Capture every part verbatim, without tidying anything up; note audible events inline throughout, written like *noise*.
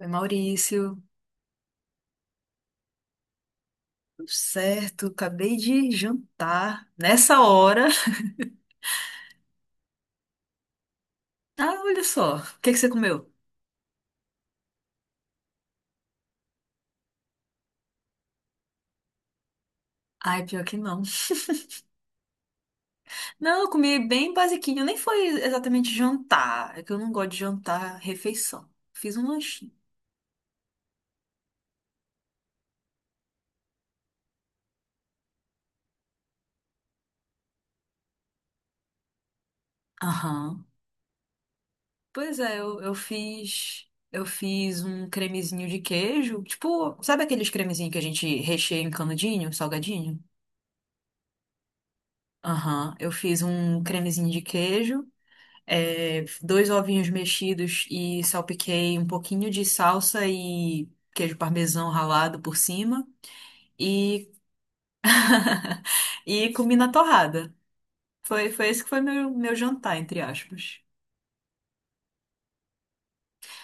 Oi, Maurício, tudo certo? Acabei de jantar nessa hora. *laughs* Ah, olha só, o que que você comeu? Ai, pior que não. Não, eu comi bem basiquinho, nem foi exatamente jantar, é que eu não gosto de jantar refeição. Fiz um lanchinho. Aham. Pois é, eu, eu fiz, eu fiz um cremezinho de queijo, tipo, sabe aqueles cremezinhos que a gente recheia em canudinho, salgadinho? Aham, eu fiz um cremezinho de queijo. É, dois ovinhos mexidos e salpiquei um pouquinho de salsa e queijo parmesão ralado por cima e *laughs* e comi na torrada. Foi, foi esse que foi meu, meu jantar, entre aspas.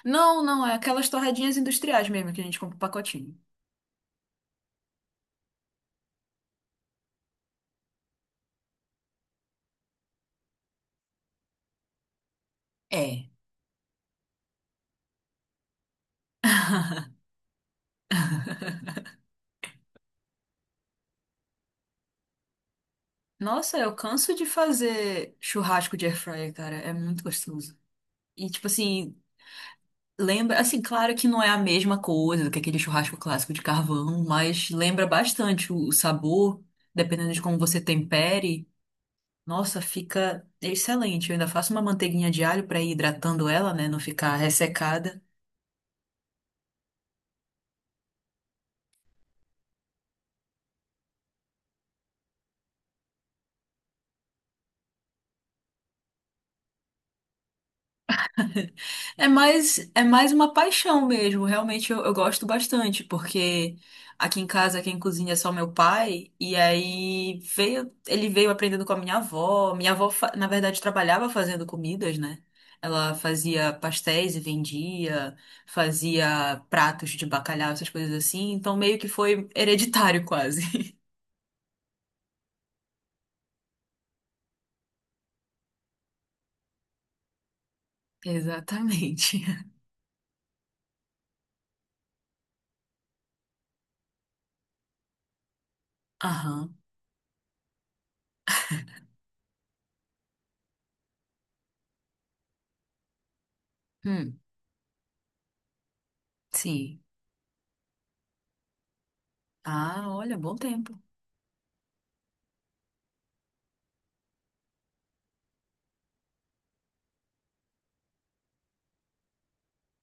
Não, não, é aquelas torradinhas industriais mesmo que a gente compra o pacotinho. É. *laughs* Nossa, eu canso de fazer churrasco de air fryer, cara, é muito gostoso. E tipo assim, lembra, assim, claro que não é a mesma coisa do que aquele churrasco clássico de carvão, mas lembra bastante o, o sabor, dependendo de como você tempere. Nossa, fica excelente. Eu ainda faço uma manteiguinha de alho para ir hidratando ela, né, não ficar ressecada. É mais, é mais uma paixão mesmo. Realmente eu, eu gosto bastante, porque aqui em casa quem cozinha é só meu pai, e aí veio, ele veio aprendendo com a minha avó. Minha avó, fa- na verdade, trabalhava fazendo comidas, né? Ela fazia pastéis e vendia, fazia pratos de bacalhau, essas coisas assim. Então meio que foi hereditário quase. *laughs* Exatamente. Aham. Hum, sim. Ah, olha, bom tempo.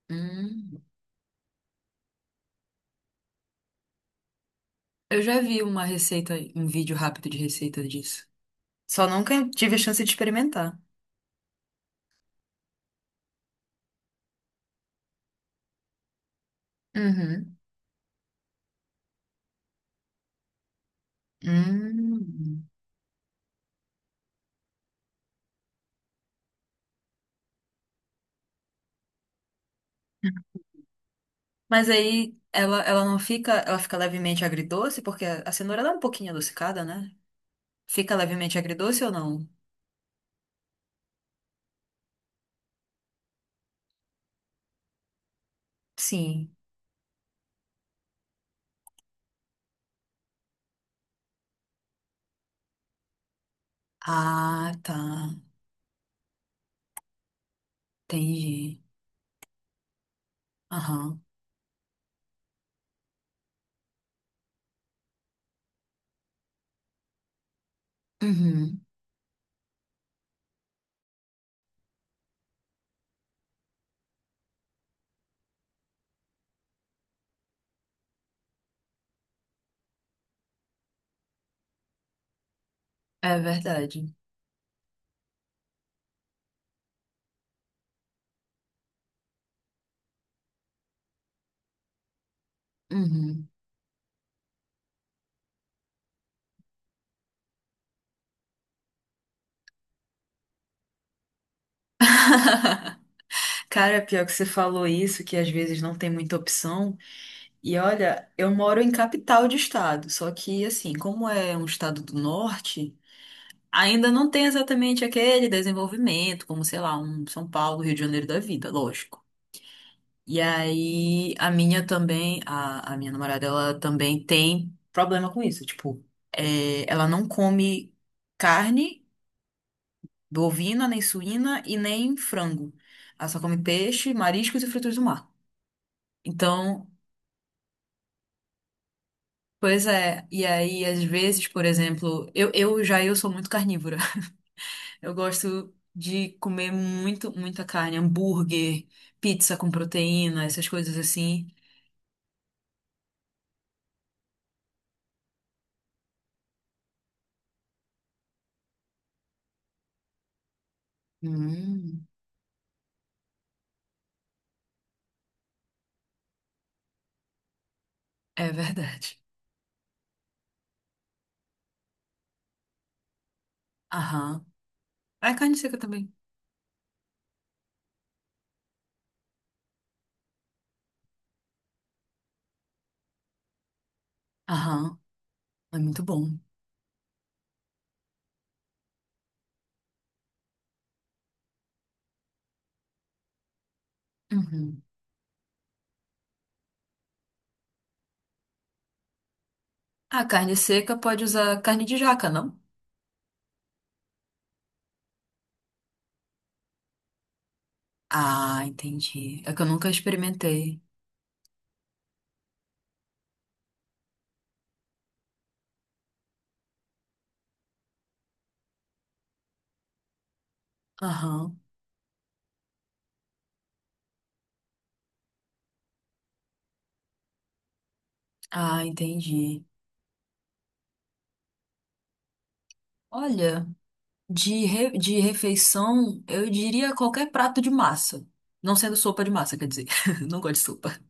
Hum. Eu já vi uma receita, um vídeo rápido de receita disso. Só nunca tive a chance de experimentar. Uhum. Hum. Mas aí ela, ela não fica, ela fica levemente agridoce, porque a a cenoura ela é um pouquinho adocicada, né? Fica levemente agridoce ou não? Sim. Ah, tá. Entendi. Aham. Uhum. É verdade. Uhum. Cara, pior que você falou isso, que às vezes não tem muita opção. E olha, eu moro em capital de estado, só que assim, como é um estado do norte, ainda não tem exatamente aquele desenvolvimento, como sei lá, um São Paulo, Rio de Janeiro da vida, lógico. E aí a minha também, a, a minha namorada, ela também tem problema com isso, tipo, é, ela não come carne bovina, nem suína e nem frango. Ela só come peixe, mariscos e frutos do mar. Então, pois é, e aí às vezes, por exemplo, eu, eu já eu sou muito carnívora. *laughs* Eu gosto de comer muito, muita carne, hambúrguer, pizza com proteína, essas coisas assim. Hum, é verdade. Aham. A carne seca também. Aham, é muito bom. Uhum. A carne seca pode usar carne de jaca, não? Ah, entendi. É que eu nunca experimentei. Aham. Ah, entendi. Olha. De, re- de refeição, eu diria qualquer prato de massa. Não sendo sopa de massa, quer dizer, *laughs* não gosto de sopa.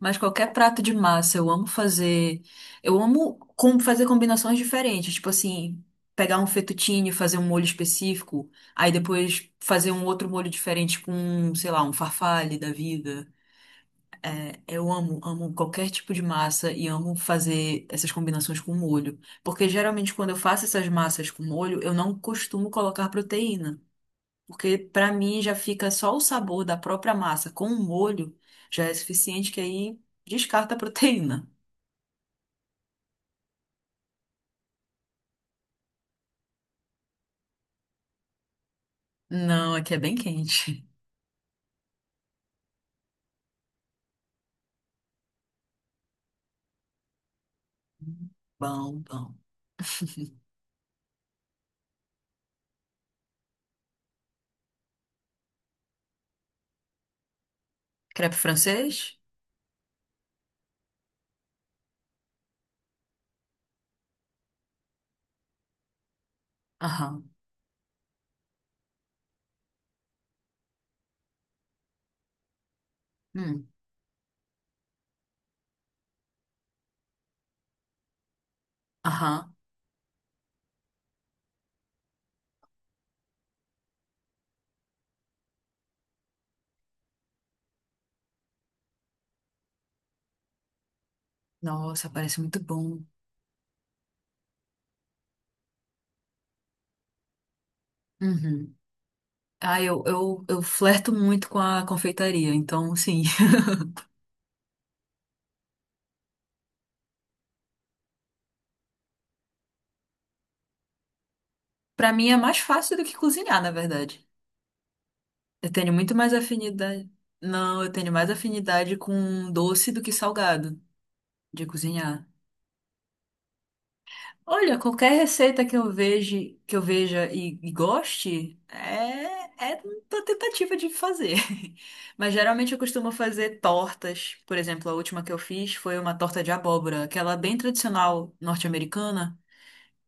Mas qualquer prato de massa, eu amo fazer. Eu amo com- fazer combinações diferentes. Tipo assim, pegar um fettuccine, e fazer um molho específico, aí depois fazer um outro molho diferente com, sei lá, um farfalle da vida. É, eu amo, amo qualquer tipo de massa e amo fazer essas combinações com molho. Porque geralmente quando eu faço essas massas com molho, eu não costumo colocar proteína. Porque pra mim já fica só o sabor da própria massa com o molho já é suficiente que aí descarta a proteína. Não, aqui é bem quente. Bom, bom. Crepe francês? Aham. Hum. Aham. Nossa, parece muito bom. Uhum. Ah, eu, eu, eu flerto muito com a confeitaria, então, sim. *laughs* Pra mim é mais fácil do que cozinhar, na verdade. Eu tenho muito mais afinidade. Não, eu tenho mais afinidade com doce do que salgado de cozinhar. Olha, qualquer receita que eu veja, que eu veja e, e goste, é, é uma tentativa de fazer. *laughs* Mas geralmente eu costumo fazer tortas. Por exemplo, a última que eu fiz foi uma torta de abóbora, aquela bem tradicional norte-americana.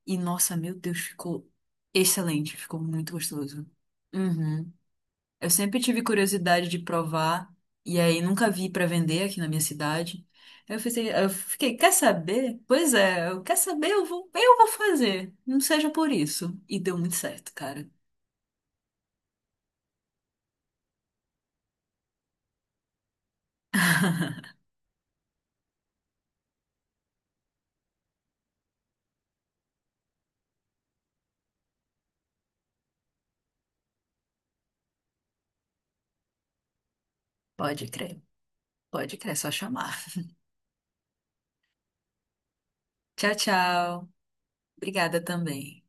E nossa, meu Deus, ficou excelente, ficou muito gostoso. Uhum. Eu sempre tive curiosidade de provar, e aí nunca vi pra vender aqui na minha cidade. Aí eu pensei, eu fiquei, quer saber? Pois é, eu quer saber, eu vou, eu vou fazer. Não seja por isso. E deu muito certo, cara. Pode crer, pode crer, é só chamar. Tchau, tchau. Obrigada também.